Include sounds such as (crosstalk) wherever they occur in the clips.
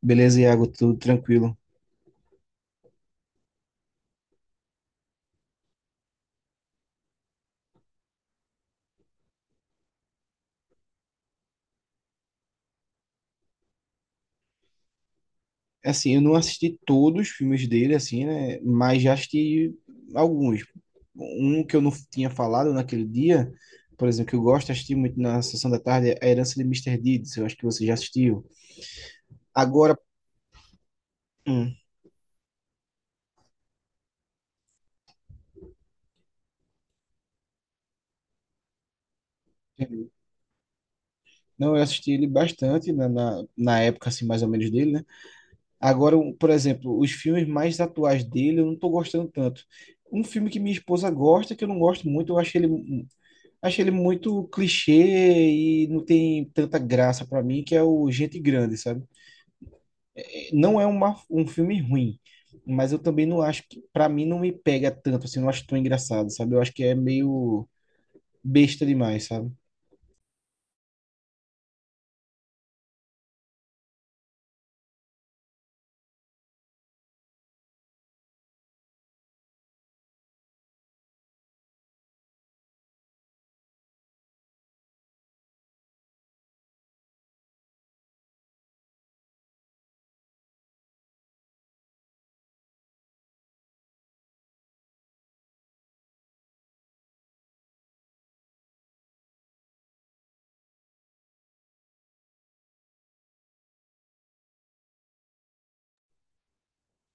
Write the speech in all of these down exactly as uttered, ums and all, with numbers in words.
Beleza, Iago, tudo tranquilo. É Assim, eu não assisti todos os filmes dele, assim, né? Mas já assisti alguns. Um que eu não tinha falado naquele dia, por exemplo, que eu gosto de assistir muito na sessão da tarde, é A Herança de Mister Deeds. Eu acho que você já assistiu. Agora, hum, não, eu assisti ele bastante na, na, na época, assim, mais ou menos dele, né? Agora, um- por exemplo, os filmes mais atuais dele eu não tô gostando tanto. Um filme que minha esposa gosta, que eu não gosto muito, eu acho ele. Achei ele muito clichê e não tem tanta graça pra mim, que é o Gente Grande, sabe? Não é uma, um filme ruim, mas eu também não acho que, pra mim, não me pega tanto, assim, não acho tão engraçado, sabe? Eu acho que é meio besta demais, sabe?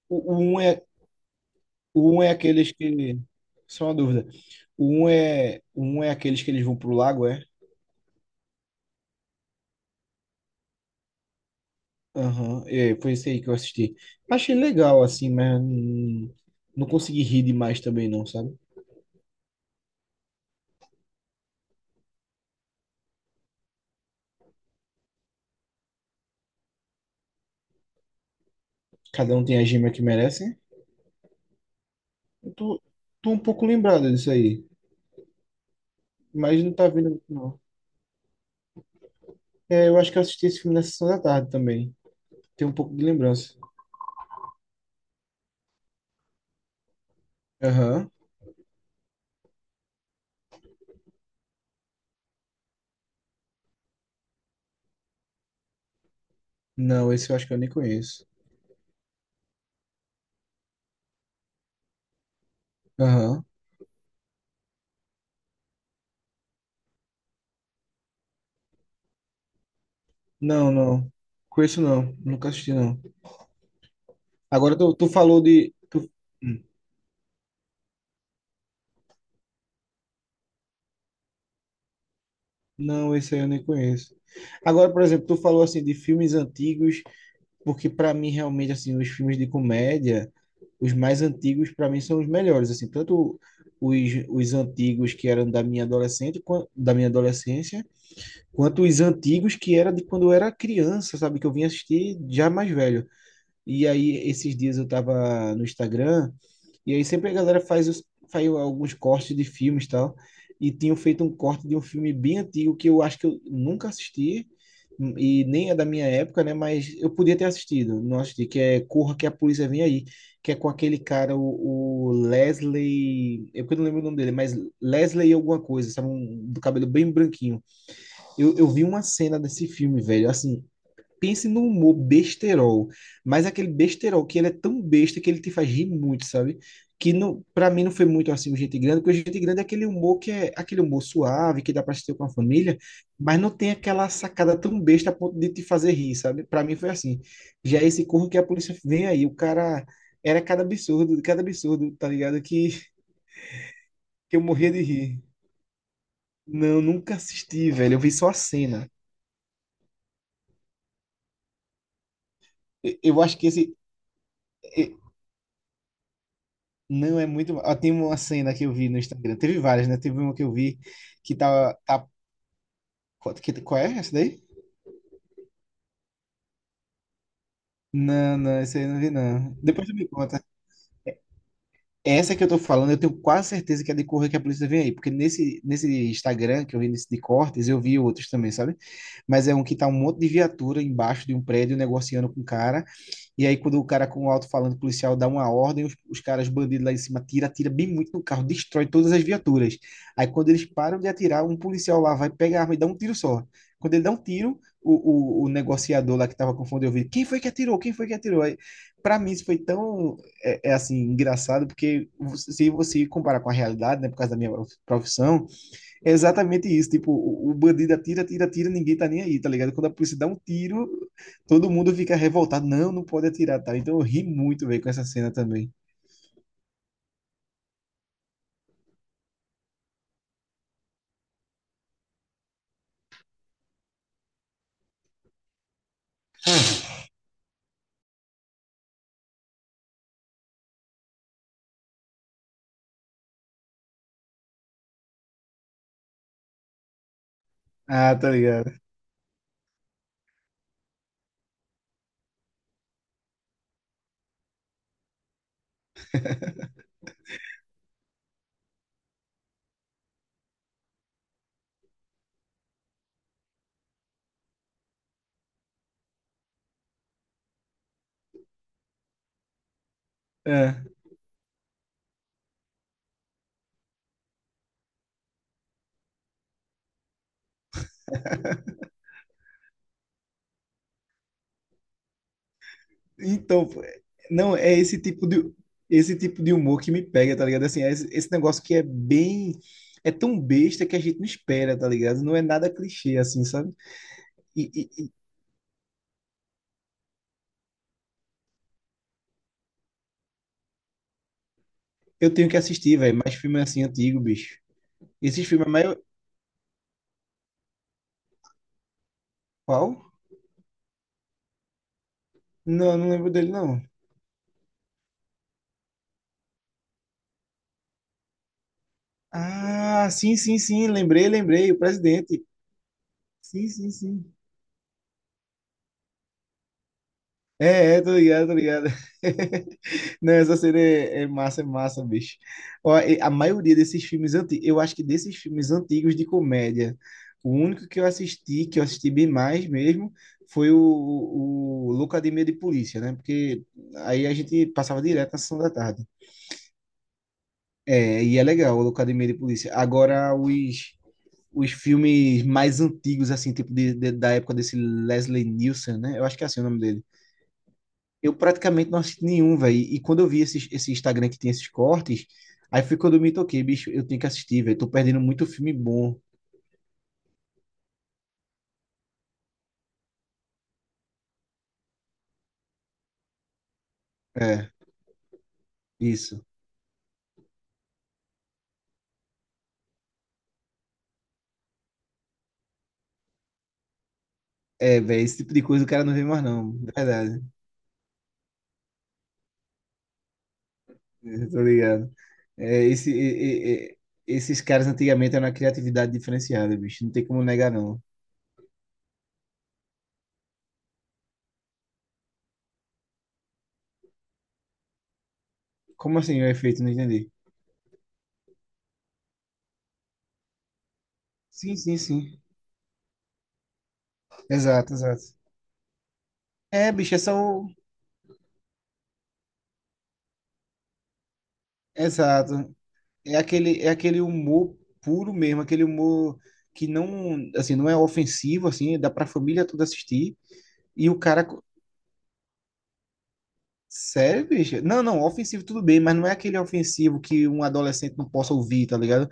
O, o um é, o um é aqueles que. Só uma dúvida. O um é, o um é aqueles que eles vão pro lago, é? Aham, é, foi esse aí que eu assisti. Achei legal, assim, mas hum, não consegui rir demais também, não, sabe? Cada um tem a gema que merece. Eu tô, tô um pouco lembrado disso aí, mas não tá vindo, não. É, eu acho que eu assisti esse filme na sessão da tarde também. Tem um pouco de lembrança. Aham. Não, esse eu acho que eu nem conheço. Aham. Não, não. Conheço não. Nunca assisti não. Agora tu, tu falou de. tu- Hum. Não, esse aí eu nem conheço. Agora, por exemplo, tu falou assim de filmes antigos porque para mim realmente assim, os filmes de comédia, os mais antigos para mim são os melhores, assim, tanto os, os antigos que eram da minha adolescente, quan- da minha adolescência, quanto os antigos que era de quando eu era criança, sabe, que eu vim assistir já mais velho. E aí esses dias eu tava no Instagram e aí sempre a galera faz, os, faz alguns cortes de filmes e tal. E tinham feito um corte de um filme bem antigo que eu acho que eu nunca assisti e nem é da minha época, né? Mas eu podia ter assistido, não assisti, que é Corra que a Polícia Vem Aí, que é com aquele cara, o, o Leslie, eu porque eu não lembro o nome dele, mas Leslie alguma coisa, sabe? Um, do cabelo bem branquinho. Eu, eu vi uma cena desse filme, velho, assim, pense no humor besterol, mas aquele besterol que ele é tão besta que ele te faz rir muito, sabe? Que não, para mim não foi muito assim o Gente Grande, porque o Gente Grande é aquele humor que é aquele humor suave, que dá para assistir com a família, mas não tem aquela sacada tão besta a ponto de te fazer rir, sabe? Para mim foi assim. Já esse corro que a polícia vem aí, o cara era cada absurdo, cada absurdo, tá ligado? Que, que eu morria de rir. Não, nunca assisti, velho. Eu vi só a cena. Eu eu acho que esse, Não é muito. Ó, tem uma cena que eu vi no Instagram. Teve várias, né? Teve uma que eu vi que tá. tá... Qual que- qual é essa daí? Não, não, essa aí eu não vi, não. Depois tu me conta. Essa que eu tô falando, eu tenho quase certeza que é de correr que a polícia vem aí. Porque nesse, nesse Instagram que eu vi nesse de cortes, eu vi outros também, sabe? Mas é um que tá um monte de viatura embaixo de um prédio negociando com o cara. E aí, quando o cara com o alto-falante policial dá uma ordem, os, os caras bandidos lá em cima tira, atira bem muito no carro, destrói todas as viaturas. Aí, quando eles param de atirar, um policial lá vai pegar a arma e dá um tiro só. Quando ele dá um tiro, o, o, o negociador lá que estava confundindo o ouvido quem foi que atirou? Quem foi que atirou? Aí, pra mim, isso foi tão, é, é assim, engraçado, porque se você comparar com a realidade, né, por causa da minha profissão, é exatamente isso. Tipo, o o bandido atira, atira, atira, ninguém tá nem aí, tá ligado? Quando a polícia dá um tiro, todo mundo fica revoltado. Não, não pode atirar, tá? Então eu ri muito, velho, com essa cena também. Ah, tá ligado. É. Então, pô, é- não, é esse tipo de, esse tipo de humor que me pega, tá ligado? Assim, é esse, esse negócio que é bem. É tão besta que a gente não espera, tá ligado? Não é nada clichê, assim, sabe? E, e- e eu tenho que assistir, velho, mais filme assim antigo, bicho. Esses filmes é maior. Qual? Não, eu não lembro dele, não. Ah, sim, sim, sim, lembrei, lembrei, o presidente. Sim, sim, sim. É, é, tô ligado, tô ligado. (laughs) Não, essa cena é, é massa, é massa, bicho. Ó, e a maioria desses filmes antigos, eu acho que desses filmes antigos de comédia, o único que eu assisti, que eu assisti bem mais mesmo, foi o, o, o Loucademia de Polícia, né? Porque aí a gente passava direto na sessão da tarde. É, e é legal o Loucademia de Polícia. Agora, os os filmes mais antigos, assim, tipo de, de- da época desse Leslie Nielsen, né? Eu acho que é assim o nome dele. Eu praticamente não assisti nenhum, velho. E quando eu vi esse, esse Instagram que tem esses cortes, aí foi quando eu me toquei, bicho, eu tenho que assistir, velho. Tô perdendo muito filme bom. É, isso. É, velho, esse tipo de coisa o cara não vê mais, não. É verdade. É, tô ligado. É, esse, e- e- e- Esses caras antigamente eram uma criatividade diferenciada, bicho. Não tem como negar, não. Como assim o efeito? Não entendi. Sim, sim, sim. Exato, exato. É, bicho, é só. o- Exato. É aquele, é aquele humor puro mesmo, aquele humor que não, assim, não é ofensivo, assim, dá pra família toda assistir. E o cara, co- sério, bicho? Não, não, ofensivo tudo bem, mas não é aquele ofensivo que um adolescente não possa ouvir, tá ligado?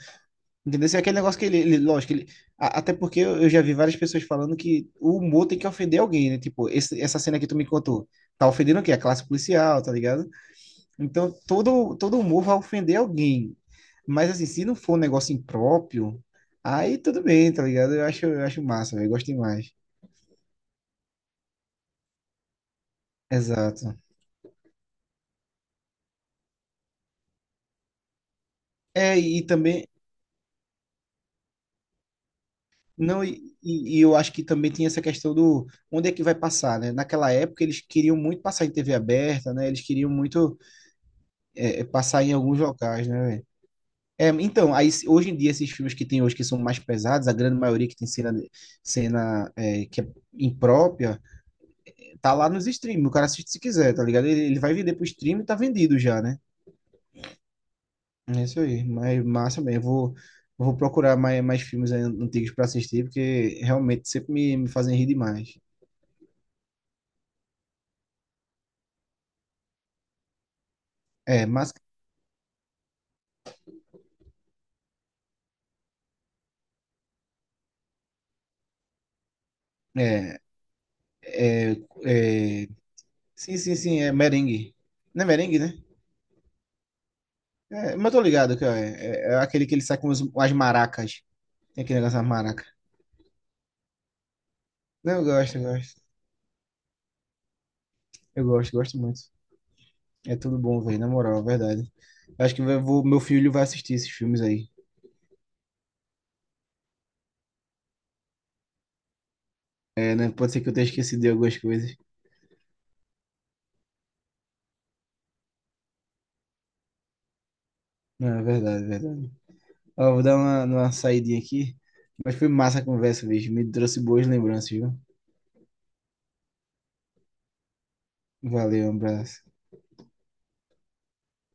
Entendeu? Assim, é aquele negócio que ele, ele- lógico, ele, a- até porque eu eu já vi várias pessoas falando que o humor tem que ofender alguém, né? Tipo, esse, essa cena que tu me contou, tá ofendendo o quê? A classe policial, tá ligado? Então, todo, todo humor vai ofender alguém. Mas, assim, se não for um negócio impróprio, aí tudo bem, tá ligado? Eu acho, eu acho massa, velho, eu gosto demais. Exato. É, e também, não, e, e e eu acho que também tem essa questão do onde é que vai passar, né? Naquela época eles queriam muito passar em T V aberta, né? Eles queriam muito é, é, passar em alguns locais, né, velho? É, então, aí, se- hoje em dia esses filmes que tem hoje que são mais pesados, a grande maioria que tem cena, cena é, que é imprópria, tá lá nos streams, o cara assiste se quiser, tá ligado? Ele, ele vai vender pro stream e tá vendido já, né? É isso aí. Mas massa mesmo. Eu Vou, eu vou procurar mais, mais filmes aí antigos pra assistir, porque realmente sempre me, me fazem rir demais. É, mas. É, é, é, sim, sim, sim, é merengue. Não é merengue, né? É, mas eu tô ligado que ó, é, é é aquele que ele sai com os- as maracas. Tem aquele negócio das maracas. Não, eu gosto, eu gosto. Eu gosto, gosto muito. É tudo bom, velho, na moral, é verdade. Eu Acho que eu vou, meu filho vai assistir esses filmes aí. É, né? Pode ser que eu tenha esquecido de algumas coisas. Não, é verdade, é verdade. Ó, vou dar uma, uma saidinha aqui. Mas foi massa a conversa, bicho. Me trouxe boas lembranças, viu? Valeu, um abraço.